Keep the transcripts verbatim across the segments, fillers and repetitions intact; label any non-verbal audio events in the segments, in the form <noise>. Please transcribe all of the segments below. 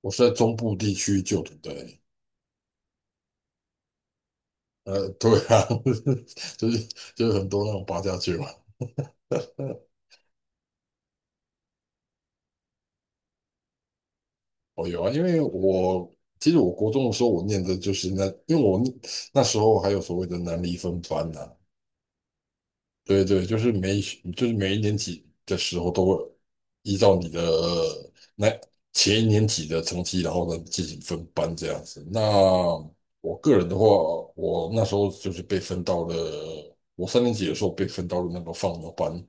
我是在中部地区就读的欸。呃，对啊。<laughs> 就是就是很多那种八家将嘛。<laughs> 哦，有啊，因为我其实我国中的时候，我念的就是那，因为我那时候还有所谓的南离分班呐、对对，就是每一就是每一年级的时候都会依照你的那前一年级的成绩，然后呢进行分班这样子。那我个人的话，我那时候就是被分到了，我三年级的时候被分到了那个放牛班，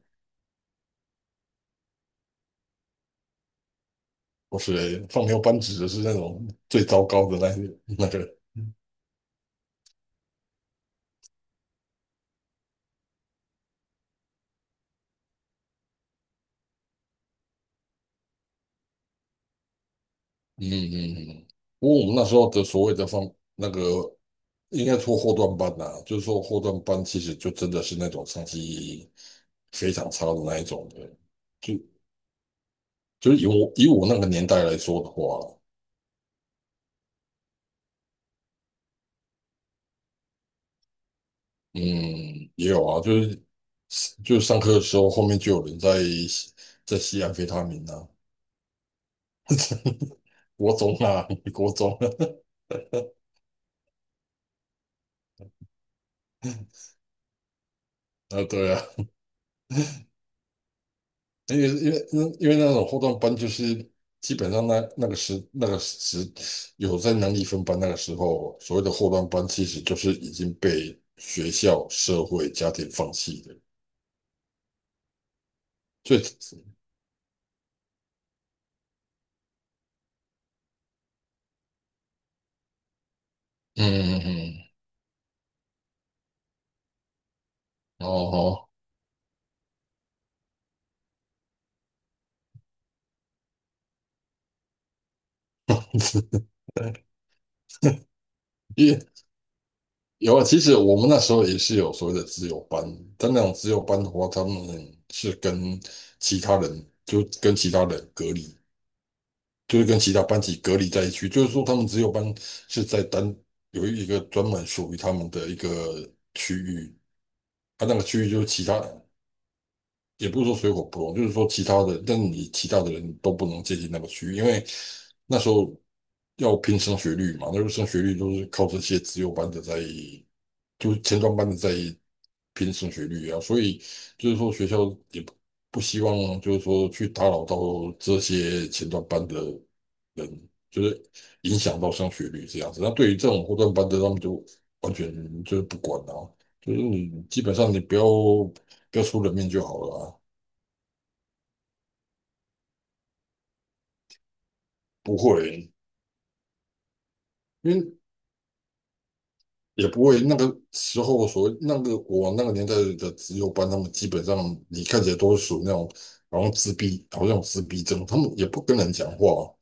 不是放牛班指的是那种 <laughs> 最糟糕的那那个。嗯嗯嗯。不过我们那时候的所谓的放那个应该说后段班呐、就是说后段班其实就真的是那种成绩非常差的那一种的，就就是以我以我那个年代来说的话。嗯，也有啊，就是就是上课的时候后面就有人在吸在吸安非他命啊。<laughs> 国中啊，国中啊。啊对啊。因为因为因因为那种后段班就是基本上那那个时那个时有在能力分班那个时候，所谓的后段班其实就是已经被学校、社会、家庭放弃的。所以，嗯嗯嗯，哦，哦。 <laughs> 因为有啊，其实我们那时候也是有所谓的自由班，但那种自由班的话，他们是跟其他人就跟其他人隔离。就是跟其他班级隔离在一起，就是说他们只有班是在单有一个专门属于他们的一个区域，他那个区域就是其他。也不是说水火不容，就是说其他的，但你其他的人都不能接近那个区域，因为那时候要拼升学率嘛，那时候升学率都是靠这些资优班的在，就是前段班的在拼升学率啊，所以就是说学校也不不希望就是说去打扰到这些前段班的人，就是影响到升学率这样子。那对于这种后段班的，他们就完全就是不管啊，就是你基本上你不要不要出人命就好了啊。不会，因为也不会那个时候所谓那个我那个年代的资优班，他们基本上你看起来都是属于那种好像自闭，好像有自闭症，他们也不跟人讲话。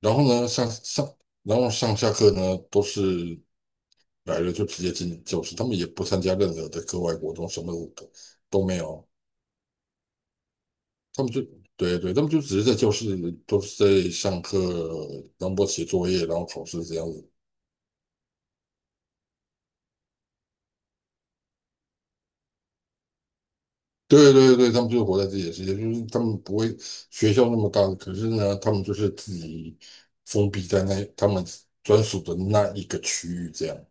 然后呢，上上然后上下课呢都是来了就直接进教室，他们也不参加任何的课外活动，什么都都没有，他们就。对对，他们就只是在教室，都是在上课，然后写作业，然后考试这样子。对对对，他们就是活在自己的世界，就是他们不会学校那么大，可是呢，他们就是自己封闭在那他们专属的那一个区域，这样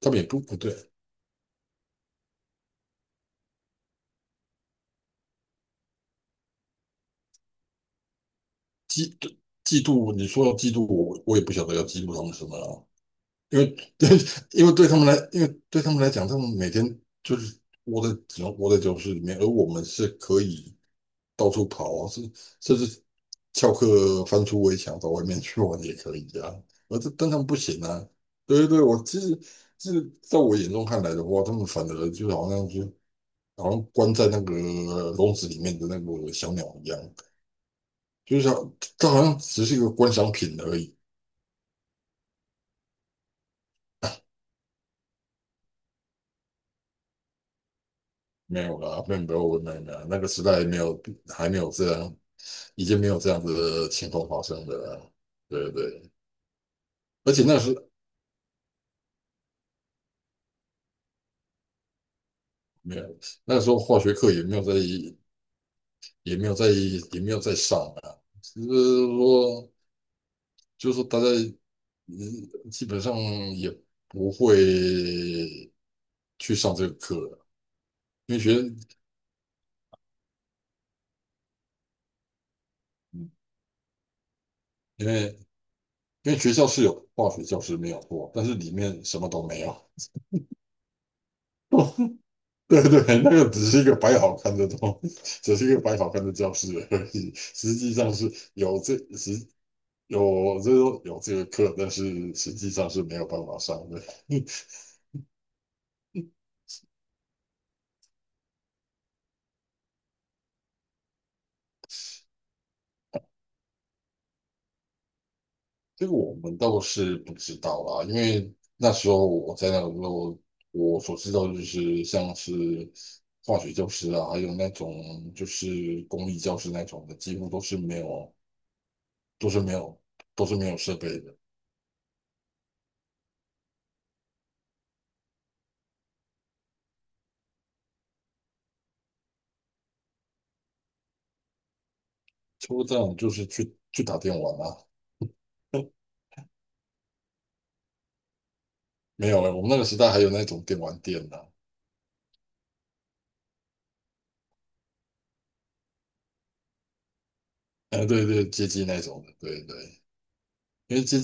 他们也不不对。嫉嫉妒，你说要嫉妒，我我也不晓得要嫉妒他们什么了，因为 <laughs> 对，因为对他们来，因为对他们来讲，他们每天就是窝在只能窝在教室里面，而我们是可以。到处跑啊，甚甚至翘课翻出围墙到外面去玩也可以啊。而这但他们不行啊。对对对，我其实是在我眼中看来的话，他们反而就好像就好像关在那个笼子里面的那个小鸟一样，就是像它好像只是一个观赏品而已。没有啦，没有没有没有没有，那个时代没有还没有这样，已经没有这样子的情况发生了啊。对对，而且那时没有，那时候化学课也没有在也没有在也没有在上啊，只是说就是说大家嗯基本上也不会去上这个课了，因为学因为因为学校是有化学教室没有过，但是里面什么都没有。<laughs> 对对，那个只是一个摆好看的东，只是一个摆好看的教室而已。实际上是有这实有这有这个课，但是实际上是没有办法上的。<laughs> 这个我们倒是不知道啦，因为那时候我在那个时候，我所知道就是像是化学教师啊，还有那种就是公立教师那种的，几乎都是没有，都是没有，都是没有设备的。差不这种，就是去去打电玩啊。没有了。我们那个时代还有那种电玩店呢、<laughs> 啊，呃对对，街机那种的，对对，因为街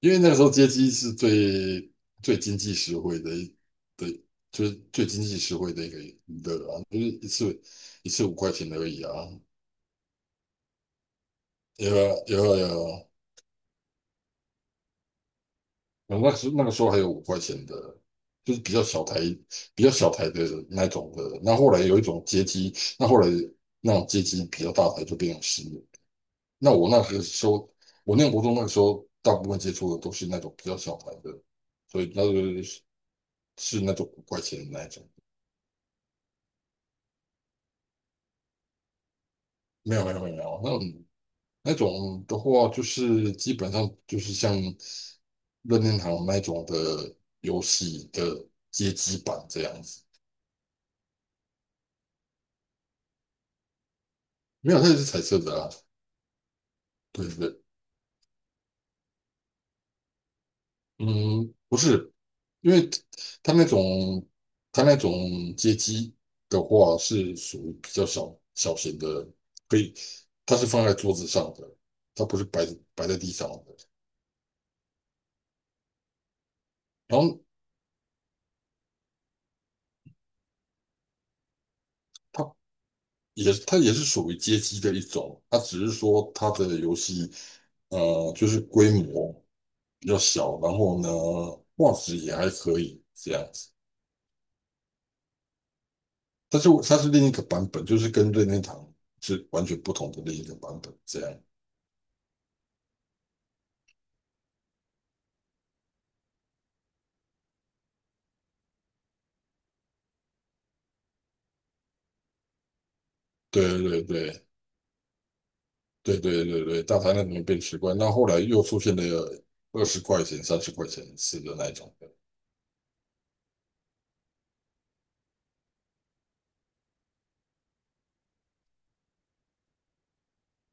因为那个时候街机是最最经济实惠的一，对，就是最经济实惠的一个娱乐啊，就是一次一次五块钱而已啊。有啊有啊有啊，然后那时那个时候还有五块钱的，就是比较小台比较小台的那种的。那后来有一种街机，那后来那种街机比较大台就变成十元，那我那个时候我念国中那个时候，大部分接触的都是那种比较小台的，所以那个是是那种五块钱的那种。没有没有没有，那种那种的话，就是基本上就是像任天堂那种的游戏的街机版这样子。没有，它也是彩色的啊。对对。嗯，不是，因为它那种它那种街机的话是属于比较小小型的，可以，它是放在桌子上的，它不是摆摆在地上的。然后它也它也是属于街机的一种，它只是说它的游戏呃就是规模比较小，然后呢画质也还可以这样子。但是它是另一个版本，就是跟任天堂是完全不同的另一个版本这样。对对对对对对对，对，大台那里面变十块，那后来又出现了二十块钱、三十块钱一次的那一种的。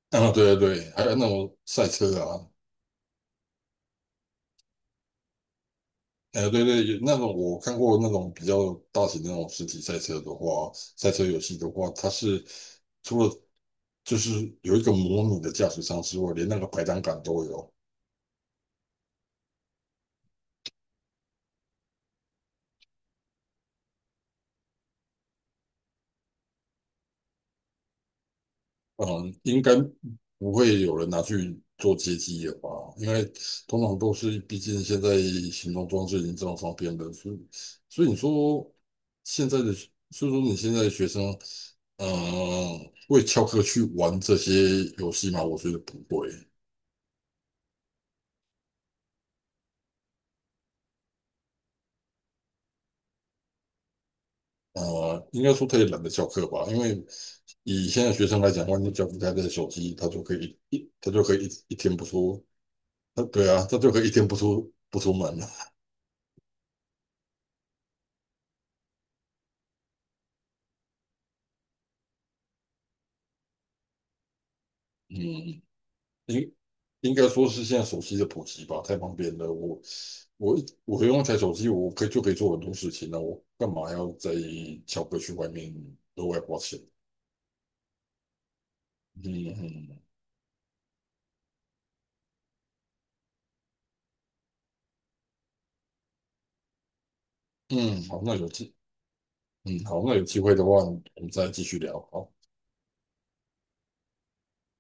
啊，对对对，还有那种赛车啊。呃，对对，那种我看过那种比较大型的那种实体赛车的话，赛车游戏的话，它是除了就是有一个模拟的驾驶舱之外，连那个排挡杆都有。嗯，应该不会有人拿去做街机了吧？因为通常都是，毕竟现在行动装置已经这么方便了，所以所以你说现在的，所以说你现在的学生，嗯，会翘课去玩这些游戏吗？我觉得不会。呃，应该说他也懒得翘课吧，因为以现在学生来讲的话，你只要不开这手机，他就可以一他就可以一一天不出，他对啊，他就可以一天不出不出门了。嗯，应应该说是现在手机的普及吧，太方便了。我我我用一台手机，我可以就可以做很多事情了，我干嘛要在翘课去外面额外花钱？嗯嗯嗯。好，那有机嗯好，那有机会的话，我们再继续聊好。